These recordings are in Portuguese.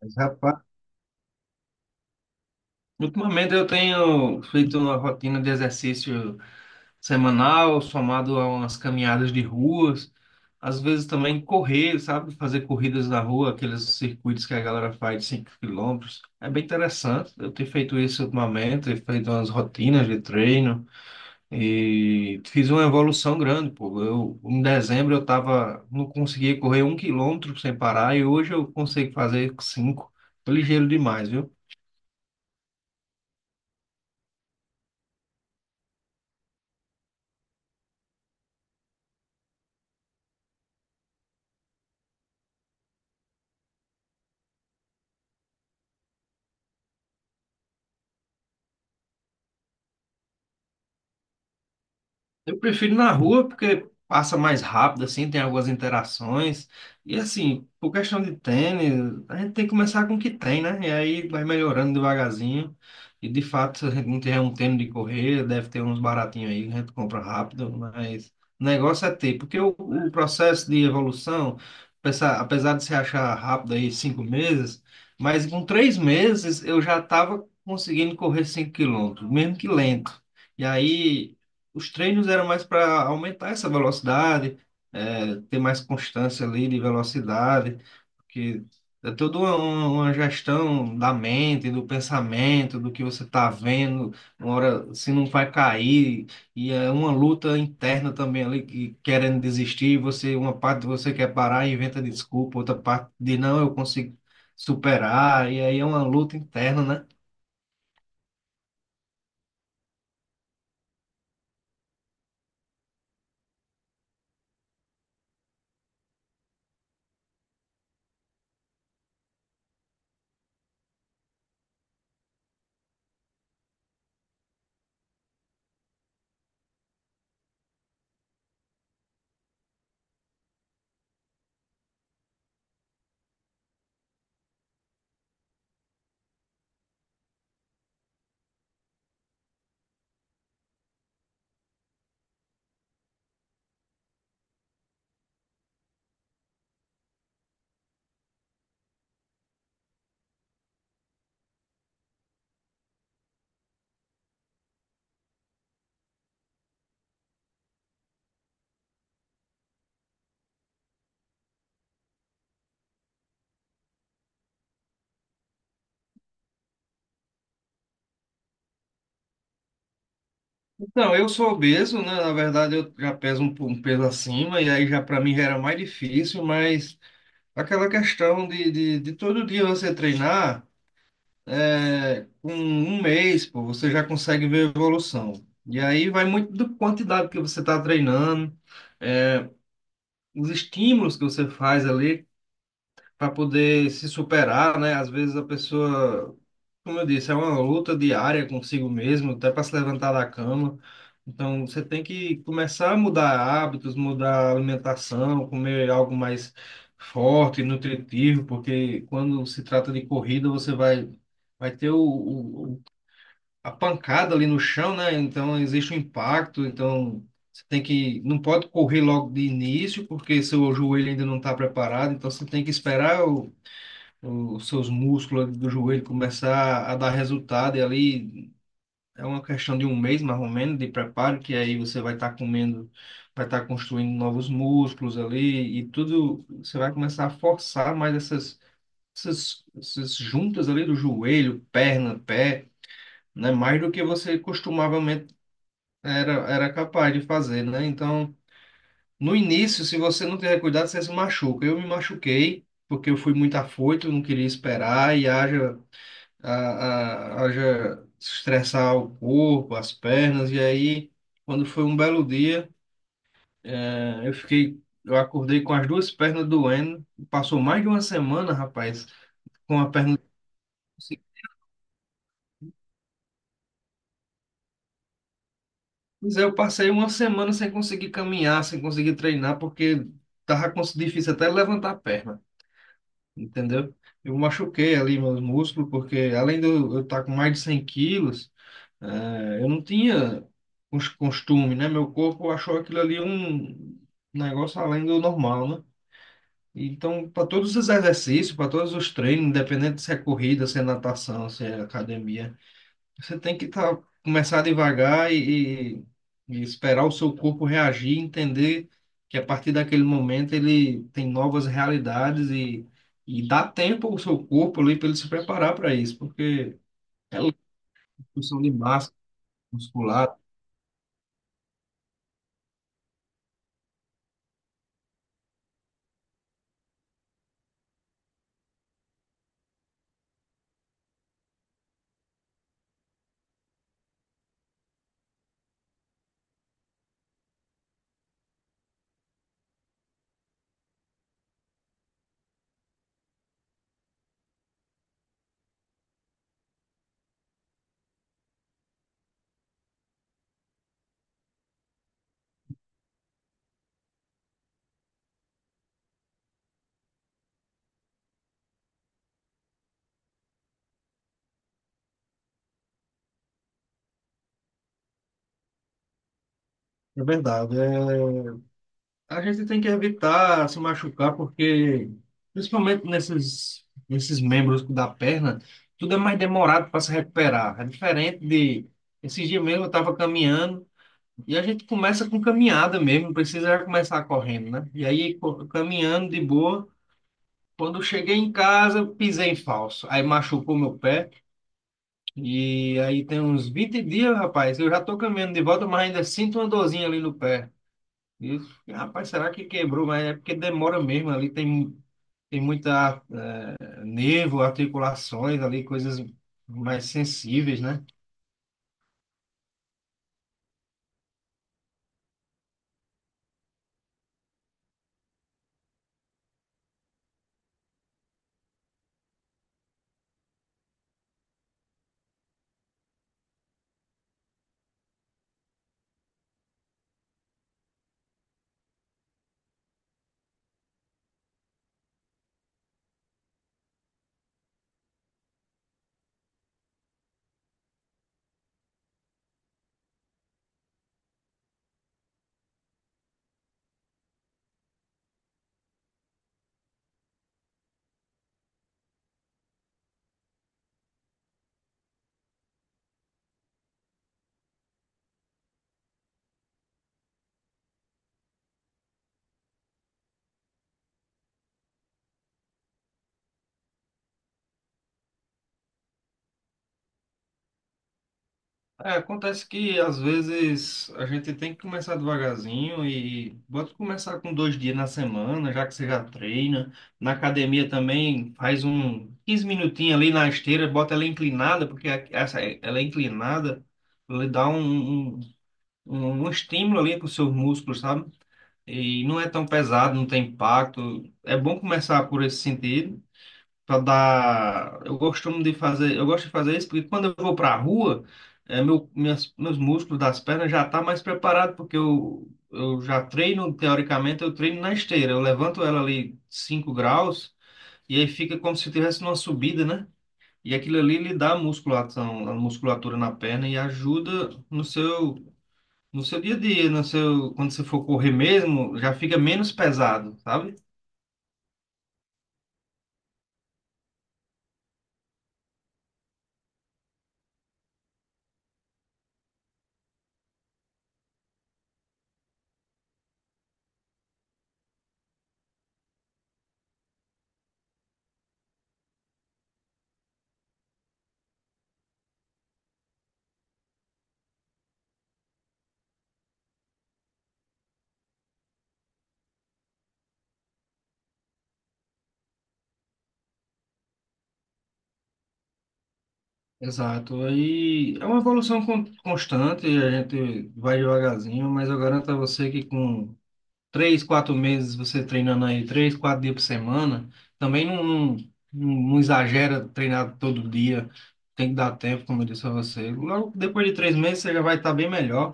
Mas, rapaz, ultimamente eu tenho feito uma rotina de exercício semanal, somado a umas caminhadas de ruas, às vezes também correr, sabe? Fazer corridas na rua, aqueles circuitos que a galera faz de 5 quilômetros. É bem interessante. Eu tenho feito isso ultimamente, tenho feito umas rotinas de treino e fiz uma evolução grande, pô. Eu, em dezembro eu tava, não conseguia correr 1 quilômetro sem parar e hoje eu consigo fazer cinco. Tô ligeiro demais, viu? Eu prefiro na rua porque passa mais rápido, assim, tem algumas interações. E assim, por questão de tênis, a gente tem que começar com o que tem, né? E aí vai melhorando devagarzinho. E de fato, a gente não tiver um tênis de correr, deve ter uns baratinhos aí, que a gente compra rápido, mas o negócio é ter, porque o processo de evolução, apesar de se achar rápido aí 5 meses, mas com 3 meses eu já estava conseguindo correr 5 quilômetros, mesmo que lento. E aí os treinos eram mais para aumentar essa velocidade, ter mais constância ali de velocidade, porque é toda uma gestão da mente, do pensamento, do que você está vendo, uma hora se não vai cair, e é uma luta interna também ali, que querendo desistir, você, uma parte de você quer parar e inventa desculpa, outra parte de não, eu consigo superar, e aí é uma luta interna, né? Então, eu sou obeso, né? Na verdade, eu já peso um peso acima, e aí já para mim já era mais difícil, mas aquela questão de todo dia você treinar, com 1 mês, pô, você já consegue ver evolução. E aí vai muito da quantidade que você está treinando, eh, os estímulos que você faz ali para poder se superar, né? Às vezes a pessoa, como eu disse, é uma luta diária consigo mesmo, até para se levantar da cama. Então você tem que começar a mudar hábitos, mudar a alimentação, comer algo mais forte, nutritivo, porque quando se trata de corrida, você vai ter a pancada ali no chão, né? Então existe um impacto, então você tem que, não pode correr logo de início, porque seu joelho ainda não está preparado, então você tem que esperar os seus músculos ali do joelho começar a dar resultado, e ali é uma questão de 1 mês mais ou menos de preparo, que aí você vai estar comendo, vai estar construindo novos músculos ali, e tudo, você vai começar a forçar mais essas juntas ali do joelho, perna, pé, né? Mais do que você costumavamente era capaz de fazer, né? Então, no início, se você não tiver cuidado, você se machuca. Eu me machuquei. Porque eu fui muito afoito, não queria esperar, e haja a, haja estressar o corpo, as pernas, e aí, quando foi um belo dia, eu acordei com as duas pernas doendo, passou mais de uma semana, rapaz, com a perna. Pois é, eu passei uma semana sem conseguir caminhar, sem conseguir treinar, porque tava difícil até levantar a perna. Entendeu? Eu machuquei ali meus músculos, porque além de eu estar com mais de 100 quilos, eu não tinha costume, né? Meu corpo achou aquilo ali um negócio além do normal, né? Então, para todos os exercícios, para todos os treinos, independente se é corrida, se é natação, se é academia, você tem que tá, começar devagar e esperar o seu corpo reagir, entender que a partir daquele momento ele tem novas realidades e dá tempo ao seu corpo ali para ele se preparar para isso, porque é construção de massa muscular, é verdade. É, a gente tem que evitar se machucar, porque principalmente nesses membros da perna, tudo é mais demorado para se recuperar. É diferente de. Esses dias mesmo eu estava caminhando. E a gente começa com caminhada mesmo, não precisa já começar correndo, né? E aí, caminhando de boa, quando eu cheguei em casa, eu pisei em falso. Aí machucou meu pé. E aí tem uns 20 dias, rapaz, eu já tô caminhando de volta, mas ainda sinto uma dorzinha ali no pé. E eu, rapaz, será que quebrou? Mas é porque demora mesmo, ali tem muita nervo, articulações ali, coisas mais sensíveis, né? É, acontece que às vezes a gente tem que começar devagarzinho e bota começar com 2 dias na semana, já que você já treina. Na academia também faz um 15 minutinhos ali na esteira, bota ela inclinada, porque ela é inclinada, ela dá um estímulo ali para os seus músculos, sabe? E não é tão pesado, não tem impacto. É bom começar por esse sentido para dar. Eu costumo de fazer, eu gosto de fazer isso porque quando eu vou para a rua, é, meus músculos das pernas já tá mais preparado porque eu já treino, teoricamente, eu treino na esteira. Eu levanto ela ali 5 graus e aí fica como se tivesse uma subida, né? E aquilo ali lhe dá musculação, a musculatura na perna e ajuda no seu, no seu dia a dia, no seu, quando você for correr mesmo, já fica menos pesado, sabe? Exato. Aí é uma evolução constante, a gente vai devagarzinho, mas eu garanto a você que com 3, 4 meses você treinando aí, 3, 4 dias por semana, também exagera treinar todo dia, tem que dar tempo, como eu disse a você. Logo depois de 3 meses você já vai estar bem melhor.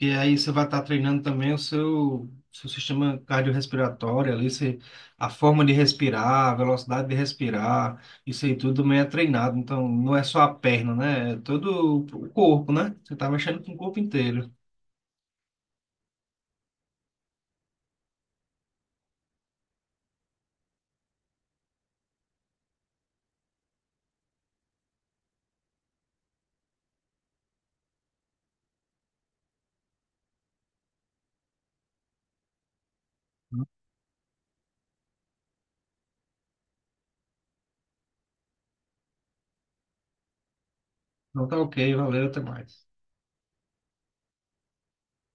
E aí você vai estar treinando também o seu, seu sistema cardiorrespiratório ali, você, a forma de respirar, a velocidade de respirar, isso aí tudo meio é treinado. Então, não é só a perna, né? É todo o corpo, né? Você tá mexendo com o corpo inteiro. Então tá ok, valeu, até mais.